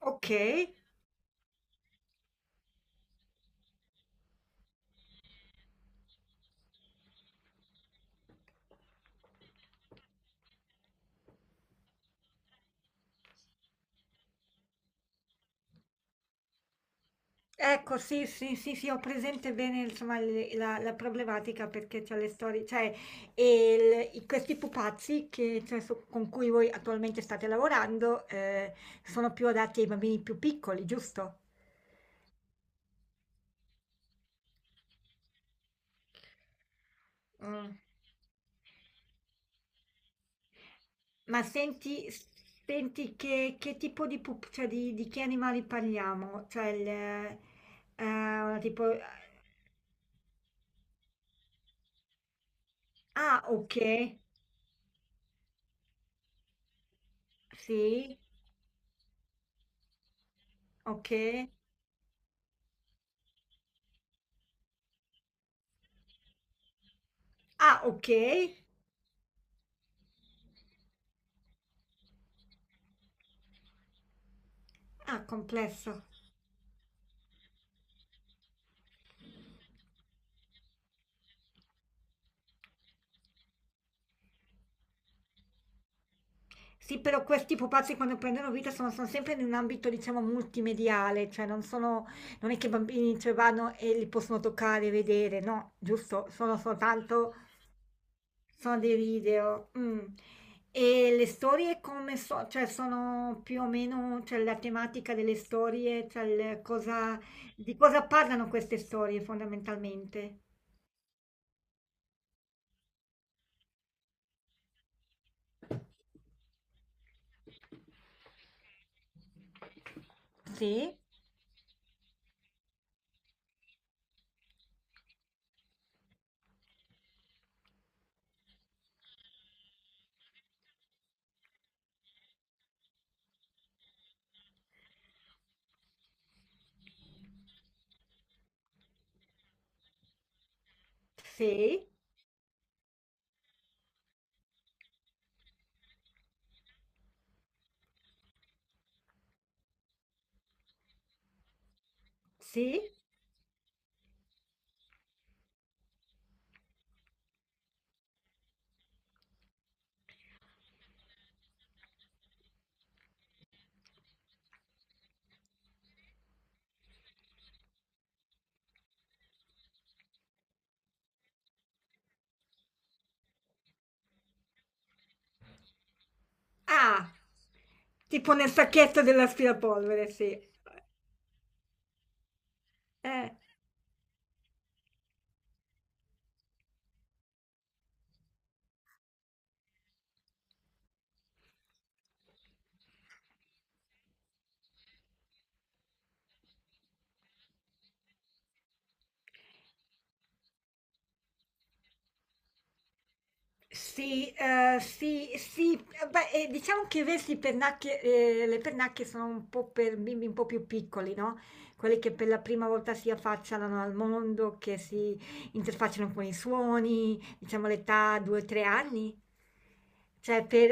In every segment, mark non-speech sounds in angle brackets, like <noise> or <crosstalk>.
Ok, ecco, sì, sì, sì, sì, ho presente bene, insomma, la, la problematica perché c'è le storie, cioè, e questi pupazzi che, cioè, con cui voi attualmente state lavorando, sono più adatti ai bambini più piccoli, giusto? Mm. Ma senti, senti che tipo di pup, cioè di che animali parliamo? Cioè, il, tipo... Ah, ok, sì, ok. Ah, ok. Ah, complesso. Sì, però questi pupazzi quando prendono vita sono, sono sempre in un ambito, diciamo, multimediale, cioè non sono, non è che i bambini ci vanno e li possono toccare e vedere, no, giusto, sono soltanto, sono dei video. Mm. E le storie come so, cioè sono più o meno, cioè la tematica delle storie, cioè il cosa, di cosa parlano queste storie fondamentalmente? Sì, sì, sì. Ah, tipo nel sacchetto dell'aspirapolvere, sì. Eh. Sì, sì, sì, beh, diciamo che vessi pernacchie, le pernacchie sono un po' per bimbi un po' più piccoli, no, quelli che per la prima volta si affacciano al mondo, che si interfacciano con i suoni, diciamo l'età 2, 3 anni. Cioè per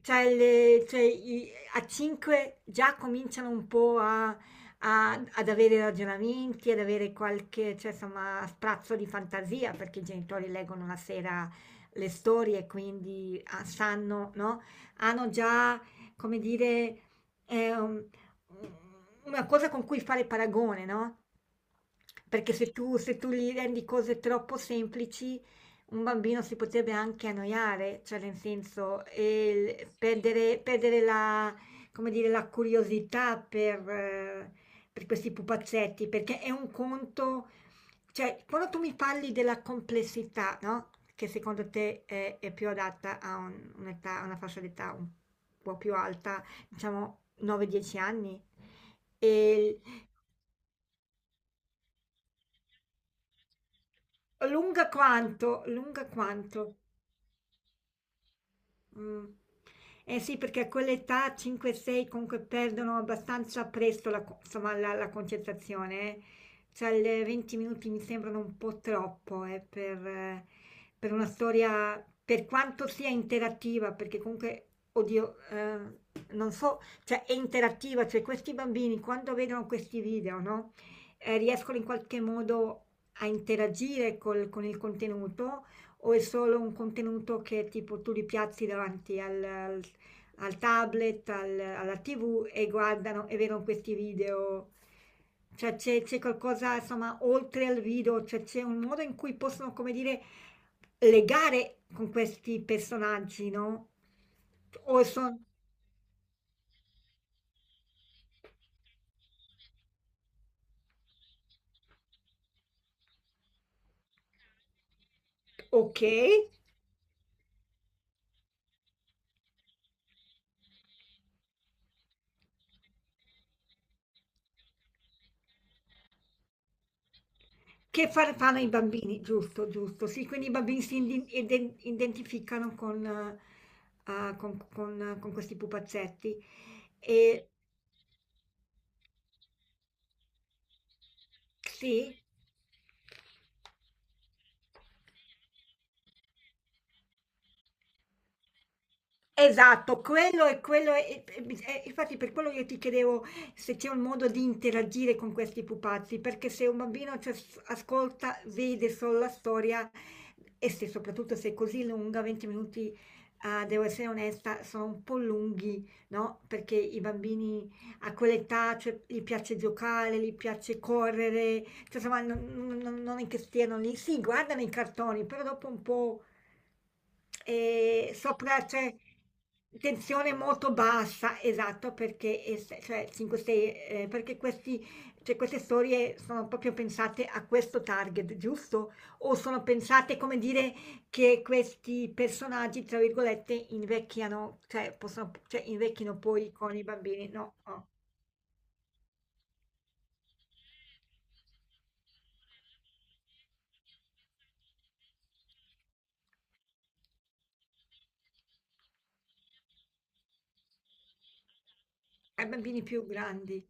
cioè le cioè i a 5 già cominciano un po' a a ad avere ragionamenti, ad avere qualche, cioè insomma, sprazzo di fantasia, perché i genitori leggono la sera le storie, quindi ah, sanno, no? Hanno già, come dire, ehm, una cosa con cui fare paragone, no? Perché se tu gli rendi cose troppo semplici, un bambino si potrebbe anche annoiare, cioè nel senso, e perdere, perdere la, come dire, la curiosità per questi pupazzetti, perché è un conto, cioè, quando tu mi parli della complessità, no? Che secondo te è più adatta a un'età, a una fascia d'età un po' più alta, diciamo 9-10 anni, e lunga quanto, lunga quanto? Mm. Eh sì, perché a quell'età 5-6 comunque perdono abbastanza presto la, insomma, la, la concentrazione. Eh. Cioè, le 20 minuti mi sembrano un po' troppo per una storia, per quanto sia interattiva, perché comunque, oddio, non so, cioè è interattiva, cioè questi bambini quando vedono questi video, no? Riescono in qualche modo a interagire con il contenuto o è solo un contenuto che tipo tu li piazzi davanti al, al tablet, alla TV e guardano e vedono questi video? Cioè c'è qualcosa, insomma, oltre al video, cioè c'è un modo in cui possono, come dire, legare con questi personaggi, no? O sono ok, che fanno i bambini, giusto, giusto. Sì, quindi i bambini si identificano con, ah, con, con questi pupazzetti. Ehm, sì, esatto, quello è e bis e infatti per quello io ti chiedevo se c'è un modo di interagire con questi pupazzi, perché se un bambino ci as ascolta, vede solo la storia e se soprattutto se è così lunga, 20 minuti, devo essere onesta, sono un po' lunghi, no, perché i bambini a quell'età, cioè, gli piace giocare, gli piace correre, cioè, insomma non è che stiano lì sì, guardano i cartoni, però dopo un po' e sopra c'è tensione molto bassa, esatto, perché, cioè, 5-6, perché questi, cioè, queste storie sono proprio pensate a questo target, giusto? O sono pensate, come dire, che questi personaggi, tra virgolette, invecchiano, cioè, possono, cioè, invecchino poi con i bambini? No, no, ai bambini più grandi.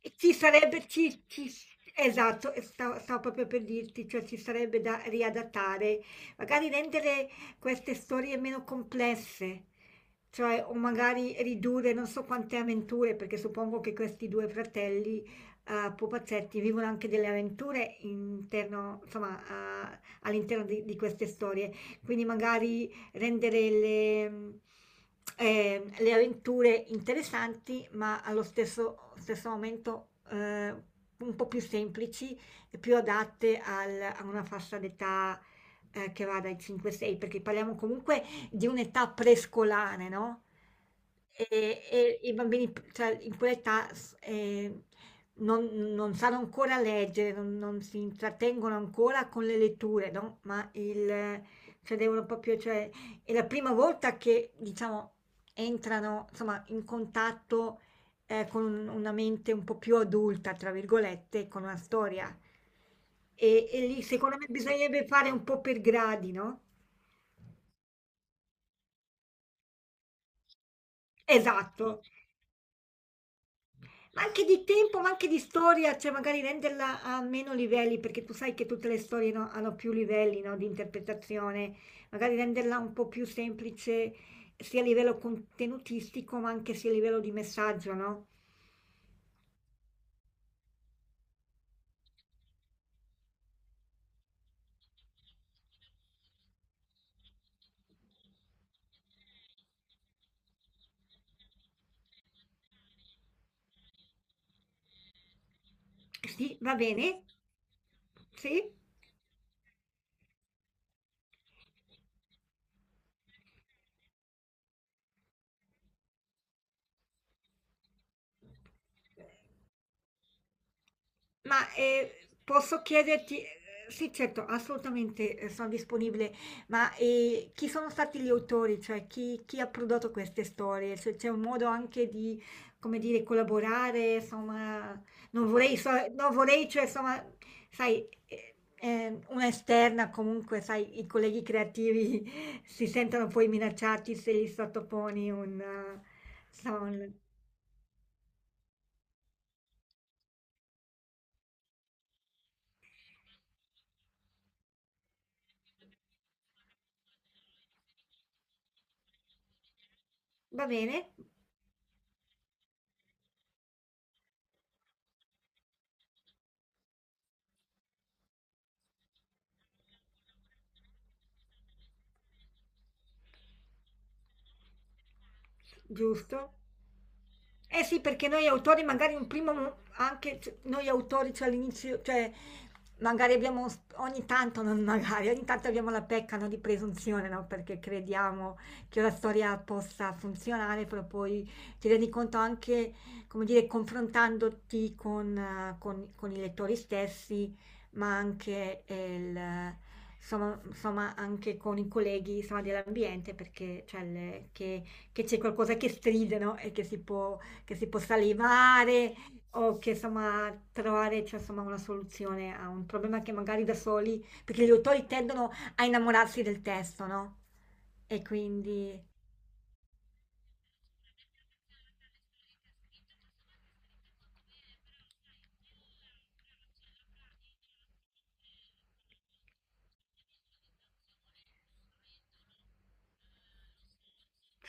E ci sarebbe, esatto, e stavo, stavo proprio per dirti, cioè ci sarebbe da riadattare, magari rendere queste storie meno complesse, cioè o magari ridurre non so quante avventure, perché suppongo che questi due fratelli pupazzetti vivono anche delle avventure interno, insomma, all'interno di queste storie, quindi magari rendere le avventure interessanti, ma allo stesso, stesso momento un po' più semplici e più adatte a una fascia d'età che va dai 5-6, perché parliamo comunque di un'età prescolare, no? E, e i bambini, cioè, in quell'età non, non sanno ancora leggere, non, non si intrattengono ancora con le letture, no? Ma il, cioè, devono proprio, cioè, è la prima volta che, diciamo, entrano, insomma, in contatto, con un una mente un po' più "adulta", tra virgolette, con una storia. E lì secondo me bisognerebbe fare un po' per gradi, no. Esatto, ma anche di tempo, ma anche di storia, cioè magari renderla a meno livelli, perché tu sai che tutte le storie, no, hanno più livelli, no, di interpretazione. Magari renderla un po' più semplice, sia a livello contenutistico, ma anche sia a livello di messaggio, no? Sì, va bene? Sì? Ma posso chiederti, sì, certo, assolutamente sono disponibile, ma chi sono stati gli autori, cioè chi, chi ha prodotto queste storie? Se c'è un modo anche di, come dire, collaborare, insomma, non vorrei, non vorrei, cioè, insomma, sai, una esterna comunque, sai, i colleghi creativi <laughs> si sentono poi minacciati se gli sottoponi un... insomma, un- Va bene, giusto. Eh sì, perché noi autori magari un primo, noi autori, cioè all'inizio, cioè magari abbiamo, ogni tanto, non magari, ogni tanto abbiamo la pecca, no, di presunzione, no? Perché crediamo che la storia possa funzionare, però poi ti rendi conto anche, come dire, confrontandoti con, con i lettori stessi, ma anche, il, insomma, insomma, anche con i colleghi, insomma, dell'ambiente, perché cioè, che c'è qualcosa che stride, no? E che si può che si possa levare o che insomma trovare cioè, insomma, una soluzione a un problema che magari da soli, perché gli autori tendono a innamorarsi del testo, no? E quindi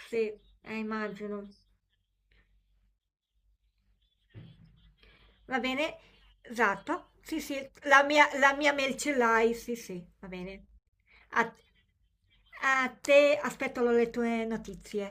sì, immagino. Va bene, esatto. Sì, sì, la mia mail ce l'hai, sì, sì, va bene. A, a te aspetto le tue notizie.